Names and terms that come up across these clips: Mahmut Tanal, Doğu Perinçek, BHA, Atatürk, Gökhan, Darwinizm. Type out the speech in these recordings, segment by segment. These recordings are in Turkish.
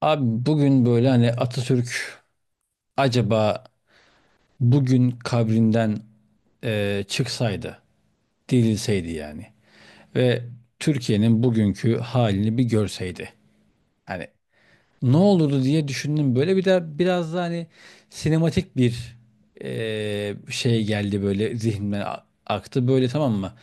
Abi bugün böyle hani Atatürk acaba bugün kabrinden çıksaydı, dirilseydi yani ve Türkiye'nin bugünkü halini bir görseydi. Hani ne olurdu diye düşündüm. Böyle bir de biraz da hani sinematik bir şey geldi böyle zihnimden aktı. Böyle, tamam mı?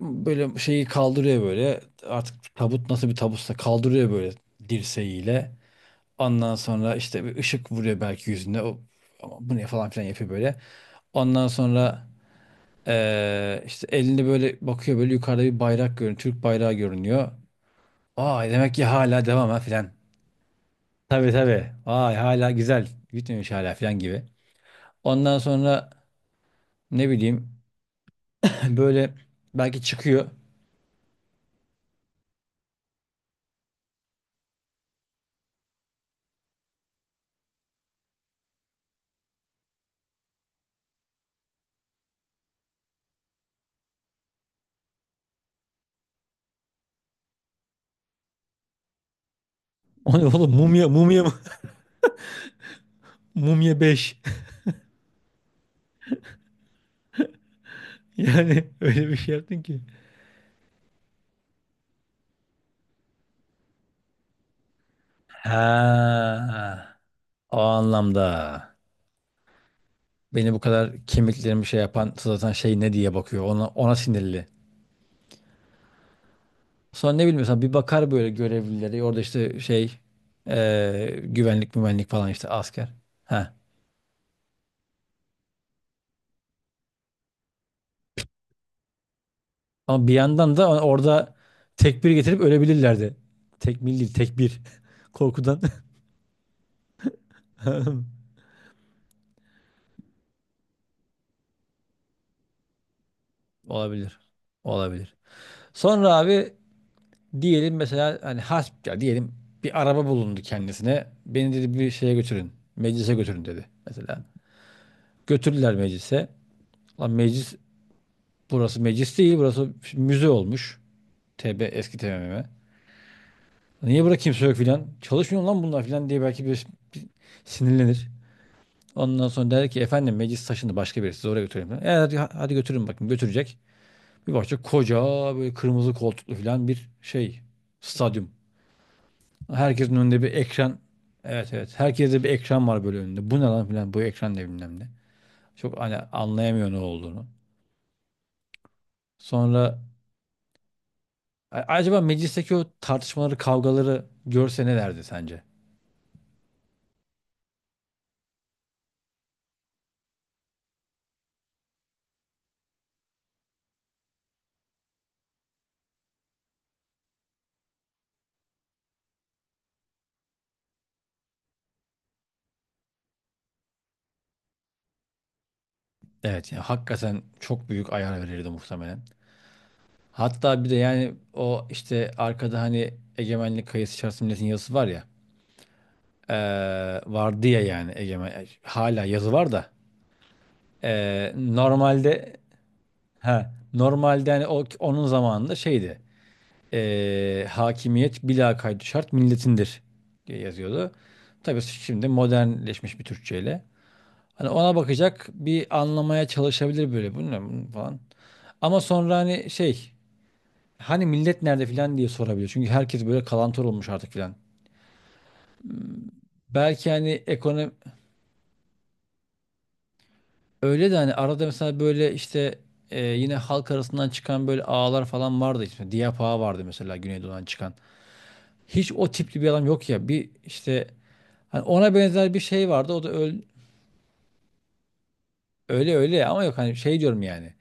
Böyle şeyi kaldırıyor böyle. Artık tabut nasıl bir tabutsa kaldırıyor böyle dirseğiyle. Ondan sonra işte bir ışık vuruyor belki yüzüne. O, ama bu ne falan filan yapıyor böyle. Ondan sonra işte elinde böyle bakıyor, böyle yukarıda bir bayrak görünüyor. Türk bayrağı görünüyor. Aa, demek ki hala devam ha filan. Tabii, tabii. Vay, hala güzel. Bitmemiş hala filan gibi. Ondan sonra ne bileyim böyle belki çıkıyor. O ne oğlum, mumya mumya mı? Mumya beş. Yani öyle bir şey yaptın ki. Ha, o anlamda. Beni bu kadar, kemiklerimi şey yapan zaten şey ne diye bakıyor. Ona sinirli. Sonra ne bileyim bir bakar böyle görevlileri. Orada işte şey, güvenlik mümenlik falan, işte asker. Ha. Ama bir yandan da orada tekbir getirip ölebilirlerdi. Tekmil değil, tekbir. Korkudan. Olabilir. Olabilir. Sonra abi diyelim, mesela hani hasp ya, diyelim bir araba bulundu kendisine. Beni, dedi, bir şeye götürün. Meclise götürün, dedi mesela. Götürdüler meclise. Lan meclis, burası meclis değil, burası müze olmuş. Eski TBMM. Niye burada kimse yok filan? Çalışmıyor lan bunlar filan diye belki bir sinirlenir. Ondan sonra der ki efendim, meclis taşındı, başka birisi sizi oraya götüreyim. Hadi, hadi götürün, bakın götürecek. Bir bakacak, koca böyle kırmızı koltuklu filan bir şey, stadyum. Herkesin önünde bir ekran. Evet, evet, herkeste bir ekran var böyle önünde. Bu ne lan filan, bu ekran ne bilmem ne. Çok hani anlayamıyor ne olduğunu. Sonra, acaba meclisteki o tartışmaları, kavgaları görse ne derdi sence? Evet, yani hakikaten çok büyük ayar verirdi muhtemelen. Hatta bir de yani o işte arkada hani egemenlik kayısı içerisinde milletin yazısı var ya. Vardı ya, yani egemen hala yazı var da. Normalde, ha normalde hani o onun zamanında şeydi. Hakimiyet bila kaydı şart milletindir diye yazıyordu. Tabii şimdi modernleşmiş bir Türkçeyle. Hani ona bakacak, bir anlamaya çalışabilir böyle, bu ne bu falan. Ama sonra hani şey, hani millet nerede filan diye sorabilir. Çünkü herkes böyle kalantor olmuş artık filan. Belki hani ekonomi öyle de, hani arada mesela böyle işte yine halk arasından çıkan böyle ağalar falan vardı. İşte Diyap ağa vardı mesela, Güneydoğu'dan çıkan. Hiç o tipli bir adam yok ya. Bir işte hani ona benzer bir şey vardı. O da öyle, ama yok hani şey diyorum yani.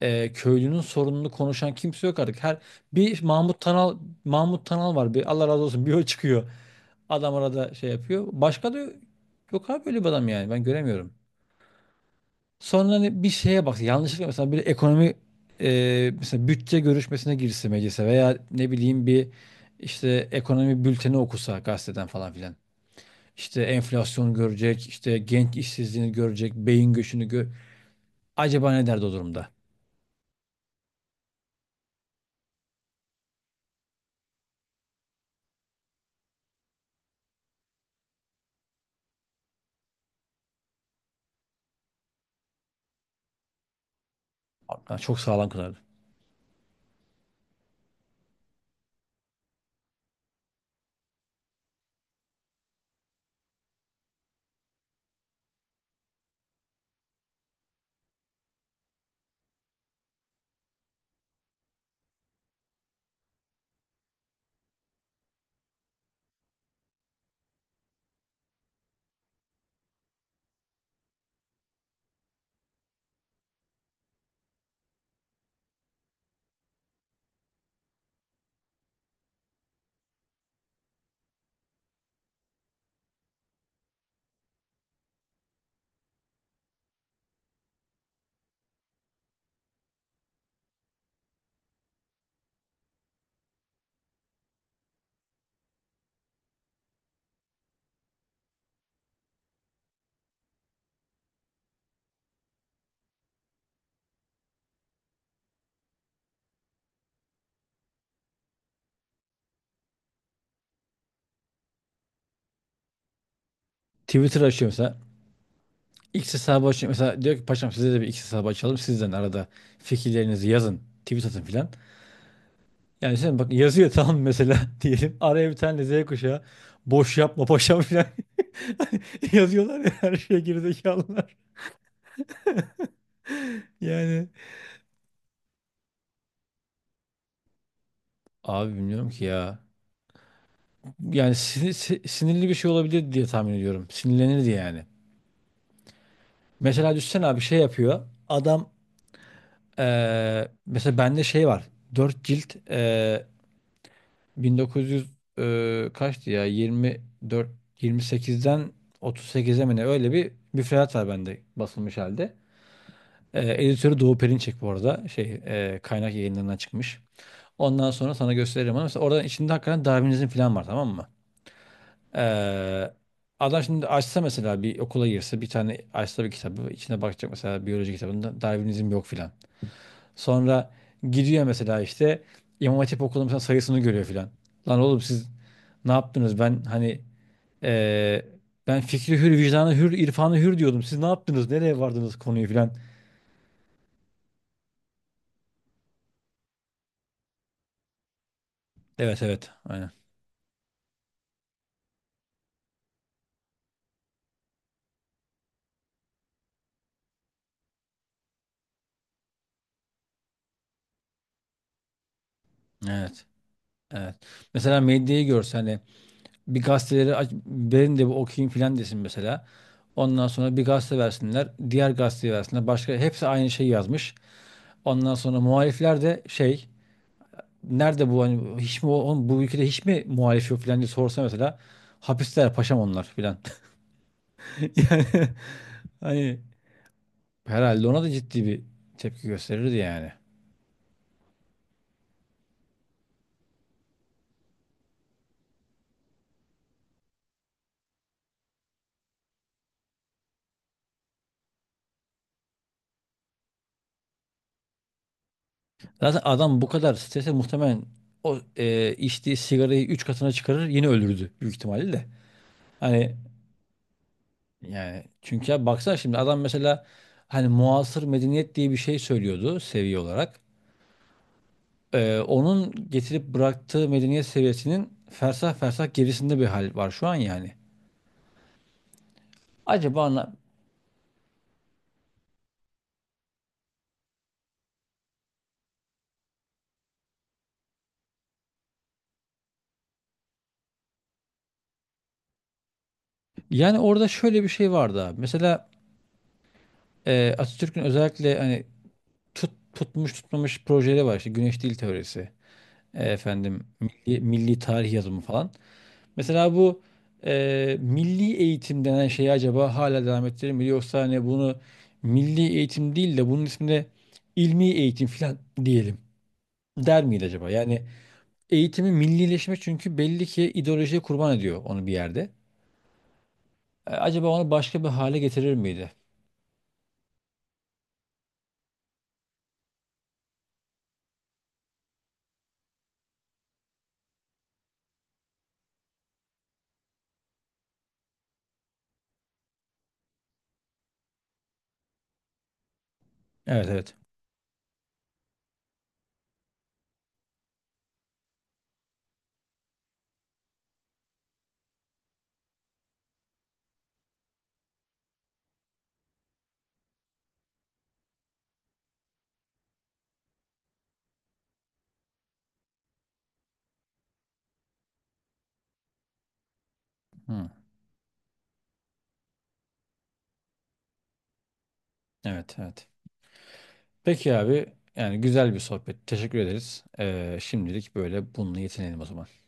Köylünün sorununu konuşan kimse yok artık. Her bir Mahmut Tanal var. Bir Allah razı olsun, bir o çıkıyor. Adam arada şey yapıyor. Başka da yok abi böyle bir adam yani. Ben göremiyorum. Sonra hani bir şeye bak. Yanlışlıkla mesela bir ekonomi, mesela bütçe görüşmesine girse meclise, veya ne bileyim bir işte ekonomi bülteni okusa gazeteden falan filan. İşte enflasyon görecek, işte genç işsizliğini görecek, beyin göçünü gör. Acaba ne derdi o durumda? Abi ben, çok sağlam kılardı. Twitter açıyor mesela. X hesabı açın. Mesela diyor ki, paşam size de bir X hesabı açalım. Sizden arada fikirlerinizi yazın. Tweet atın filan. Yani sen bak, yazıyor, tamam mesela, diyelim. Araya bir tane Z kuşağı, boş yapma paşam filan. Yazıyorlar ya her şeye, gerizekalılar. Yani abi bilmiyorum ki ya. Yani sinirli bir şey olabilir diye tahmin ediyorum. Sinirlenirdi yani. Mesela düşsene abi, şey yapıyor adam. Mesela bende şey var. Dört cilt 1900, kaçtı ya? 24, 28'den 38'e mi ne? Öyle bir müfredat var bende, basılmış halde. Editörü Doğu Perinçek bu arada. Şey, kaynak yayınlarından çıkmış. Ondan sonra sana gösteririm, ama mesela oradan, içinde hakikaten Darwinizm falan var, tamam mı? E, adam şimdi açsa mesela, bir okula girse, bir tane açsa, bir kitabı içine bakacak, mesela biyoloji kitabında Darwinizm yok filan. Sonra gidiyor mesela, işte İmam Hatip okulunun mesela sayısını görüyor filan. Lan oğlum, siz ne yaptınız? Eee, ben fikri hür, vicdanı hür, irfanı hür diyordum. Siz ne yaptınız? Nereye vardınız konuyu filan? Evet, evet, aynen. Evet. Evet. Mesela medyayı görse, hani bir gazeteleri aç, verin de bir okuyayım filan desin mesela. Ondan sonra bir gazete versinler, diğer gazeteyi versinler. Başka, hepsi aynı şeyi yazmış. Ondan sonra muhalifler de şey, nerede bu, hani hiç mi oğlum bu ülkede hiç mi muhalif yok falan diye sorsa mesela, hapisteler paşam onlar filan. Yani hani herhalde ona da ciddi bir tepki gösterirdi yani. Zaten adam bu kadar strese muhtemelen o içtiği sigarayı 3 katına çıkarır, yine öldürdü büyük ihtimalle de. Hani yani, çünkü ya baksana şimdi adam, mesela hani muasır medeniyet diye bir şey söylüyordu seviye olarak. Onun getirip bıraktığı medeniyet seviyesinin fersah fersah gerisinde bir hal var şu an yani. Acaba anla... Yani orada şöyle bir şey vardı abi. Mesela Atatürk'ün özellikle hani tutmuş tutmamış projeleri var. İşte güneş dil teorisi. Efendim milli tarih yazımı falan. Mesela bu milli eğitim denen şeyi acaba hala devam ettirir mi? Yoksa hani bunu milli eğitim değil de bunun ismine ilmi eğitim falan diyelim. Der miydi acaba? Yani eğitimi millileşme, çünkü belli ki ideolojiye kurban ediyor onu bir yerde. Acaba onu başka bir hale getirir miydi? Evet, evet. Hı. Evet, evet. Peki abi, yani güzel bir sohbet. Teşekkür ederiz. Şimdilik böyle bununla yetinelim o zaman.